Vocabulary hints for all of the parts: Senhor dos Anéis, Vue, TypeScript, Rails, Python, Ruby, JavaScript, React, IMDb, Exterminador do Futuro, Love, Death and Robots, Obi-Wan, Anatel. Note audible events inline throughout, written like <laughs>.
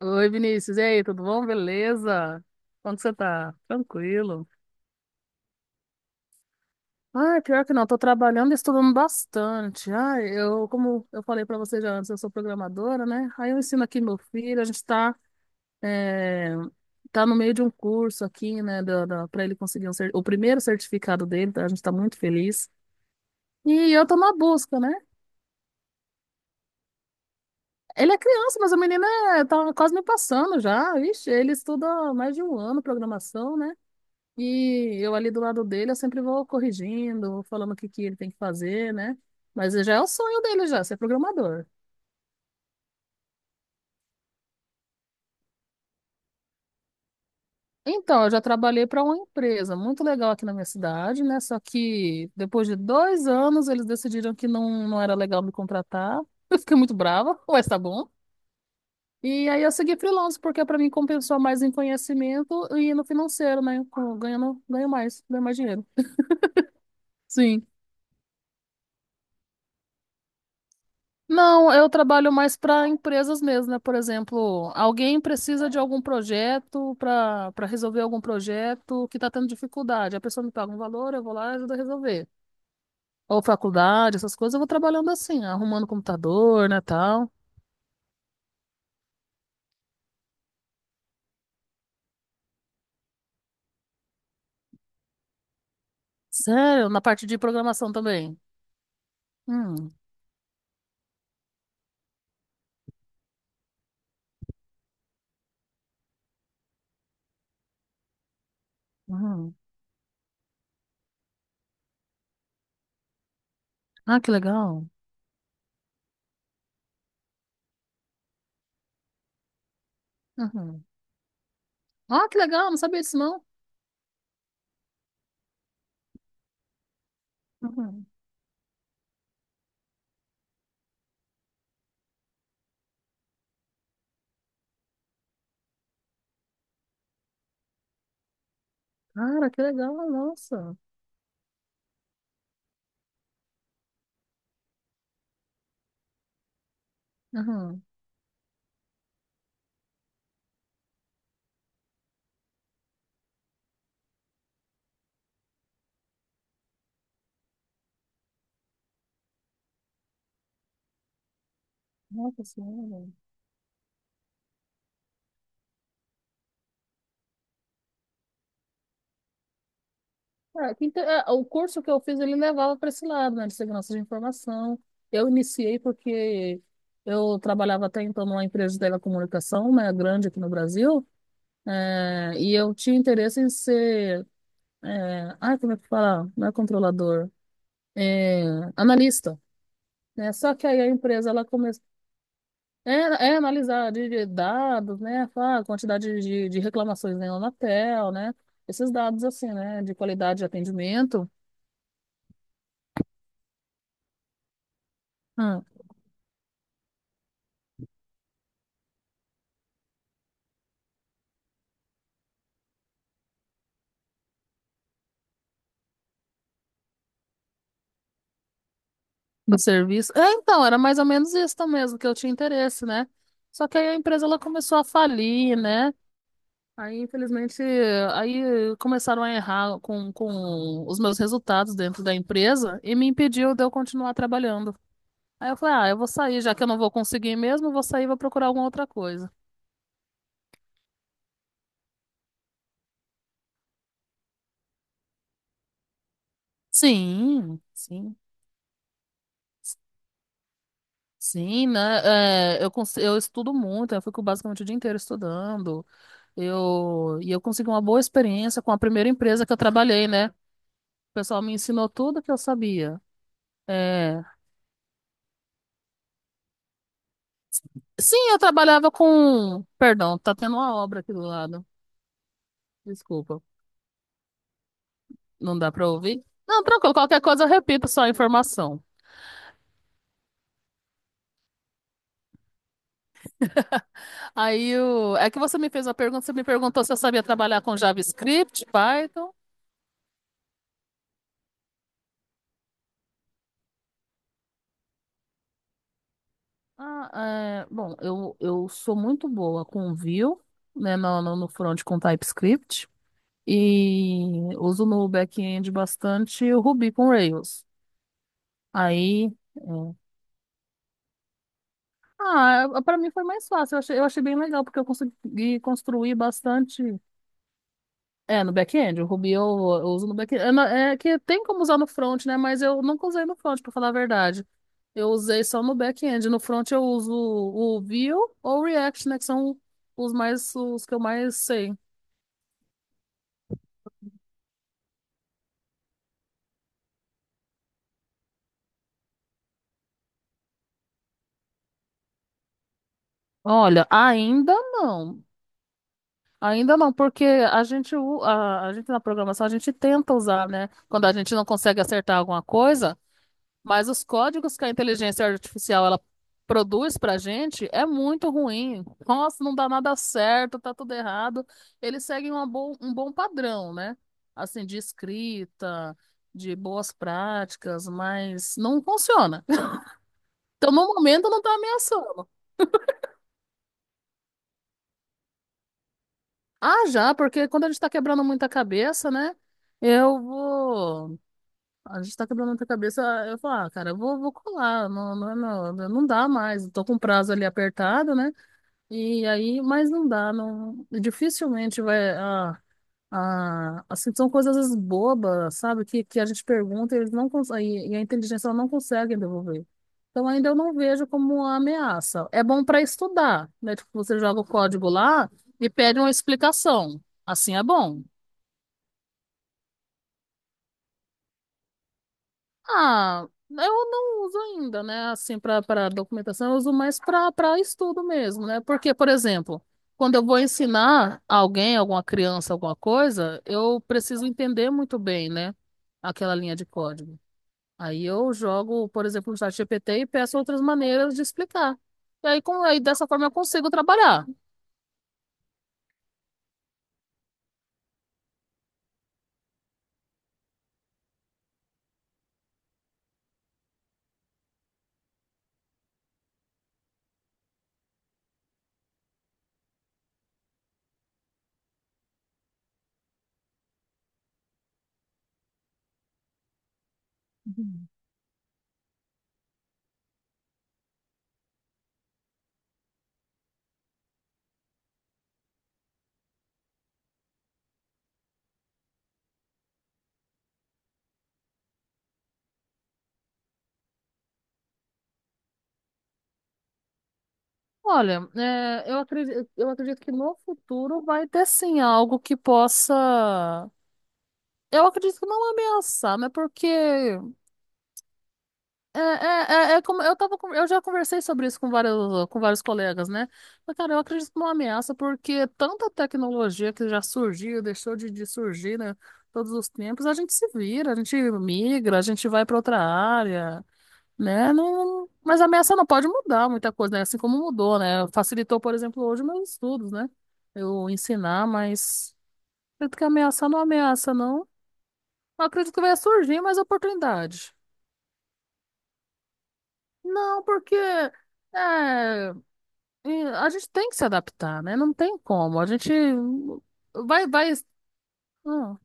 Oi, Vinícius. E aí, tudo bom? Beleza? Como que você tá? Tranquilo. Ah, pior que não, tô trabalhando e estudando bastante. Como eu falei pra você já antes, eu sou programadora, né? Aí eu ensino aqui meu filho, a gente tá, é, tá no meio de um curso aqui, né, pra ele conseguir o primeiro certificado dele, tá? A gente tá muito feliz. E eu tô na busca, né? Ele é criança, mas o menino tá quase me passando já. Ixi, ele estuda há mais de um ano programação, né? E eu ali do lado dele, eu sempre vou corrigindo, vou falando o que que ele tem que fazer, né? Mas já é o sonho dele já, ser programador. Então, eu já trabalhei para uma empresa muito legal aqui na minha cidade, né? Só que depois de dois anos, eles decidiram que não, não era legal me contratar. <laughs> Eu fiquei muito brava, <laughs> mas tá bom. E aí eu segui freelance, porque para mim compensou mais em conhecimento e no financeiro, né? Ganhando, ganho mais dinheiro. Sim. Não, eu trabalho mais para empresas mesmo, né? Por exemplo, alguém precisa de algum projeto para resolver algum projeto que está tendo dificuldade. A pessoa me paga um valor, eu vou lá e ajudo a resolver. Ou faculdade, essas coisas, eu vou trabalhando assim, arrumando computador, né, tal. Sério, na parte de programação também. Hum, uhum. Ah, que legal. Uhum. Ah, que legal, não sabia disso não. Uhum. Cara, que legal, nossa. Uhum. Nossa senhora. Ah, o curso que eu fiz, ele levava para esse lado, né, de segurança de informação. Eu iniciei porque eu trabalhava até então numa empresa de telecomunicação, né, grande aqui no Brasil, e eu tinha interesse em ser, ai, como é que fala? Não é controlador, é, analista, né? Só que aí a empresa, ela começou, é, é analisar de dados, né, a quantidade de reclamações na Anatel, né, esses dados, assim, né, de qualidade de atendimento. Hum. Do serviço. É, então, era mais ou menos isso mesmo, que eu tinha interesse, né? Só que aí a empresa ela começou a falir, né? Aí, infelizmente, aí começaram a errar com os meus resultados dentro da empresa e me impediu de eu continuar trabalhando. Aí eu falei, ah, eu vou sair, já que eu não vou conseguir mesmo, eu vou sair e vou procurar alguma outra coisa. Sim, sim, sim, né? É, eu estudo muito, eu fico basicamente o dia inteiro estudando. E eu consegui uma boa experiência com a primeira empresa que eu trabalhei, né? O pessoal me ensinou tudo que eu sabia. É... Sim, eu trabalhava com. Perdão, tá tendo uma obra aqui do lado. Desculpa, não dá pra ouvir? Não, tranquilo, qualquer coisa eu repito só a informação. Aí o... é que você me fez uma pergunta, você me perguntou se eu sabia trabalhar com JavaScript, Python. Ah, é... Bom, eu sou muito boa com Vue, né, no no front com TypeScript. E uso no back-end bastante o Ruby com Rails. Aí. É, ah, para mim foi mais fácil. Eu achei bem legal, porque eu consegui construir bastante. É, no back-end. O Ruby eu uso no back-end. É, é que tem como usar no front, né? Mas eu nunca usei no front, para falar a verdade. Eu usei só no back-end. No front eu uso o Vue ou o React, né? Que são os mais, os que eu mais sei. Olha, ainda não. Ainda não, porque a gente na programação, a gente tenta usar, né? Quando a gente não consegue acertar alguma coisa. Mas os códigos que a inteligência artificial ela produz para a gente é muito ruim. Nossa, não dá nada certo, tá tudo errado. Eles seguem um bom padrão, né? Assim, de escrita, de boas práticas, mas não funciona. <laughs> Então, no momento, não tá ameaçando. Ah, já, porque quando a gente tá quebrando muita cabeça, né? Eu vou. A gente tá quebrando muita cabeça. Eu falo, ah, cara, eu vou, vou colar. Não, não, não, não dá mais. Eu tô com o prazo ali apertado, né? E aí, mas não dá, não, dificilmente vai, ah, ah, assim, são coisas às vezes bobas, sabe, que a gente pergunta e eles não conseguem, e a inteligência ela não consegue devolver. Então ainda eu não vejo como uma ameaça. É bom para estudar, né, tipo, você joga o código lá e pede uma explicação, assim é bom. Ah, eu não uso ainda, né? Assim, para documentação, eu uso mais para estudo mesmo, né? Porque, por exemplo, quando eu vou ensinar alguém, alguma criança, alguma coisa, eu preciso entender muito bem, né? Aquela linha de código. Aí eu jogo, por exemplo, no chat GPT e peço outras maneiras de explicar. E aí, dessa forma, eu consigo trabalhar. Olha, é, eu acredito que no futuro vai ter sim algo que possa. Eu acredito que não ameaçar, mas porque é como eu tava, eu já conversei sobre isso com vários colegas, né? Mas, cara, eu acredito que não ameaça, porque tanta tecnologia que já surgiu, deixou de surgir, né? Todos os tempos, a gente se vira, a gente migra, a gente vai para outra área, né? Não, mas a ameaça não pode mudar muita coisa, né? Assim como mudou, né? Facilitou, por exemplo, hoje meus estudos, né? Eu ensinar, mas acredito que ameaçar não é ameaça, não. Não acredito que vai surgir mais oportunidade. Não, porque é, e a gente tem que se adaptar, né? Não tem como. A gente vai, vai, hum,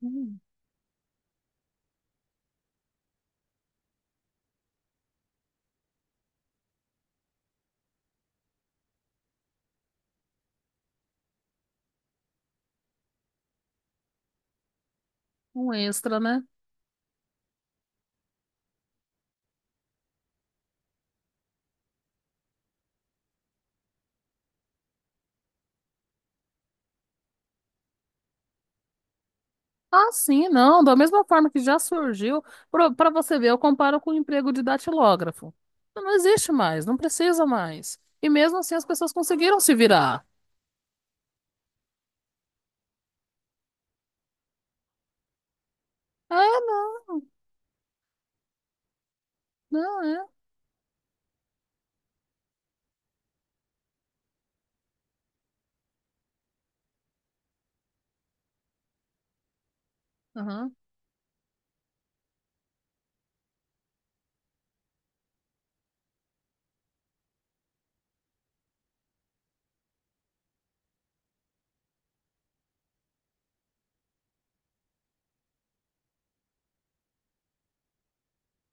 hum, um extra, né? Ah, sim, não. Da mesma forma que já surgiu, para você ver, eu comparo com o emprego de datilógrafo. Não existe mais, não precisa mais. E mesmo assim as pessoas conseguiram se virar. É, não, não é. Aham.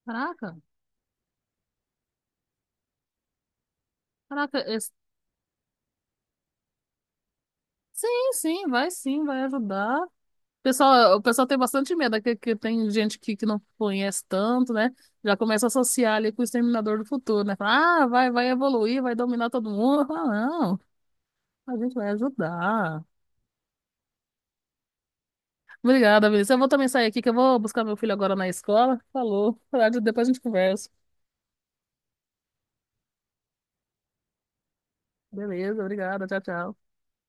Caraca, caraca, esse- Sim, sim, vai ajudar. O pessoal tem bastante medo, é que tem gente que não conhece tanto, né? Já começa a associar ali com o Exterminador do Futuro, né? Fala, ah, vai, vai evoluir, vai dominar todo mundo. Ah, não, a gente vai ajudar. Obrigada, Vinícius. Eu vou também sair aqui, que eu vou buscar meu filho agora na escola. Falou. Depois a gente conversa. Beleza, obrigada. Tchau, tchau.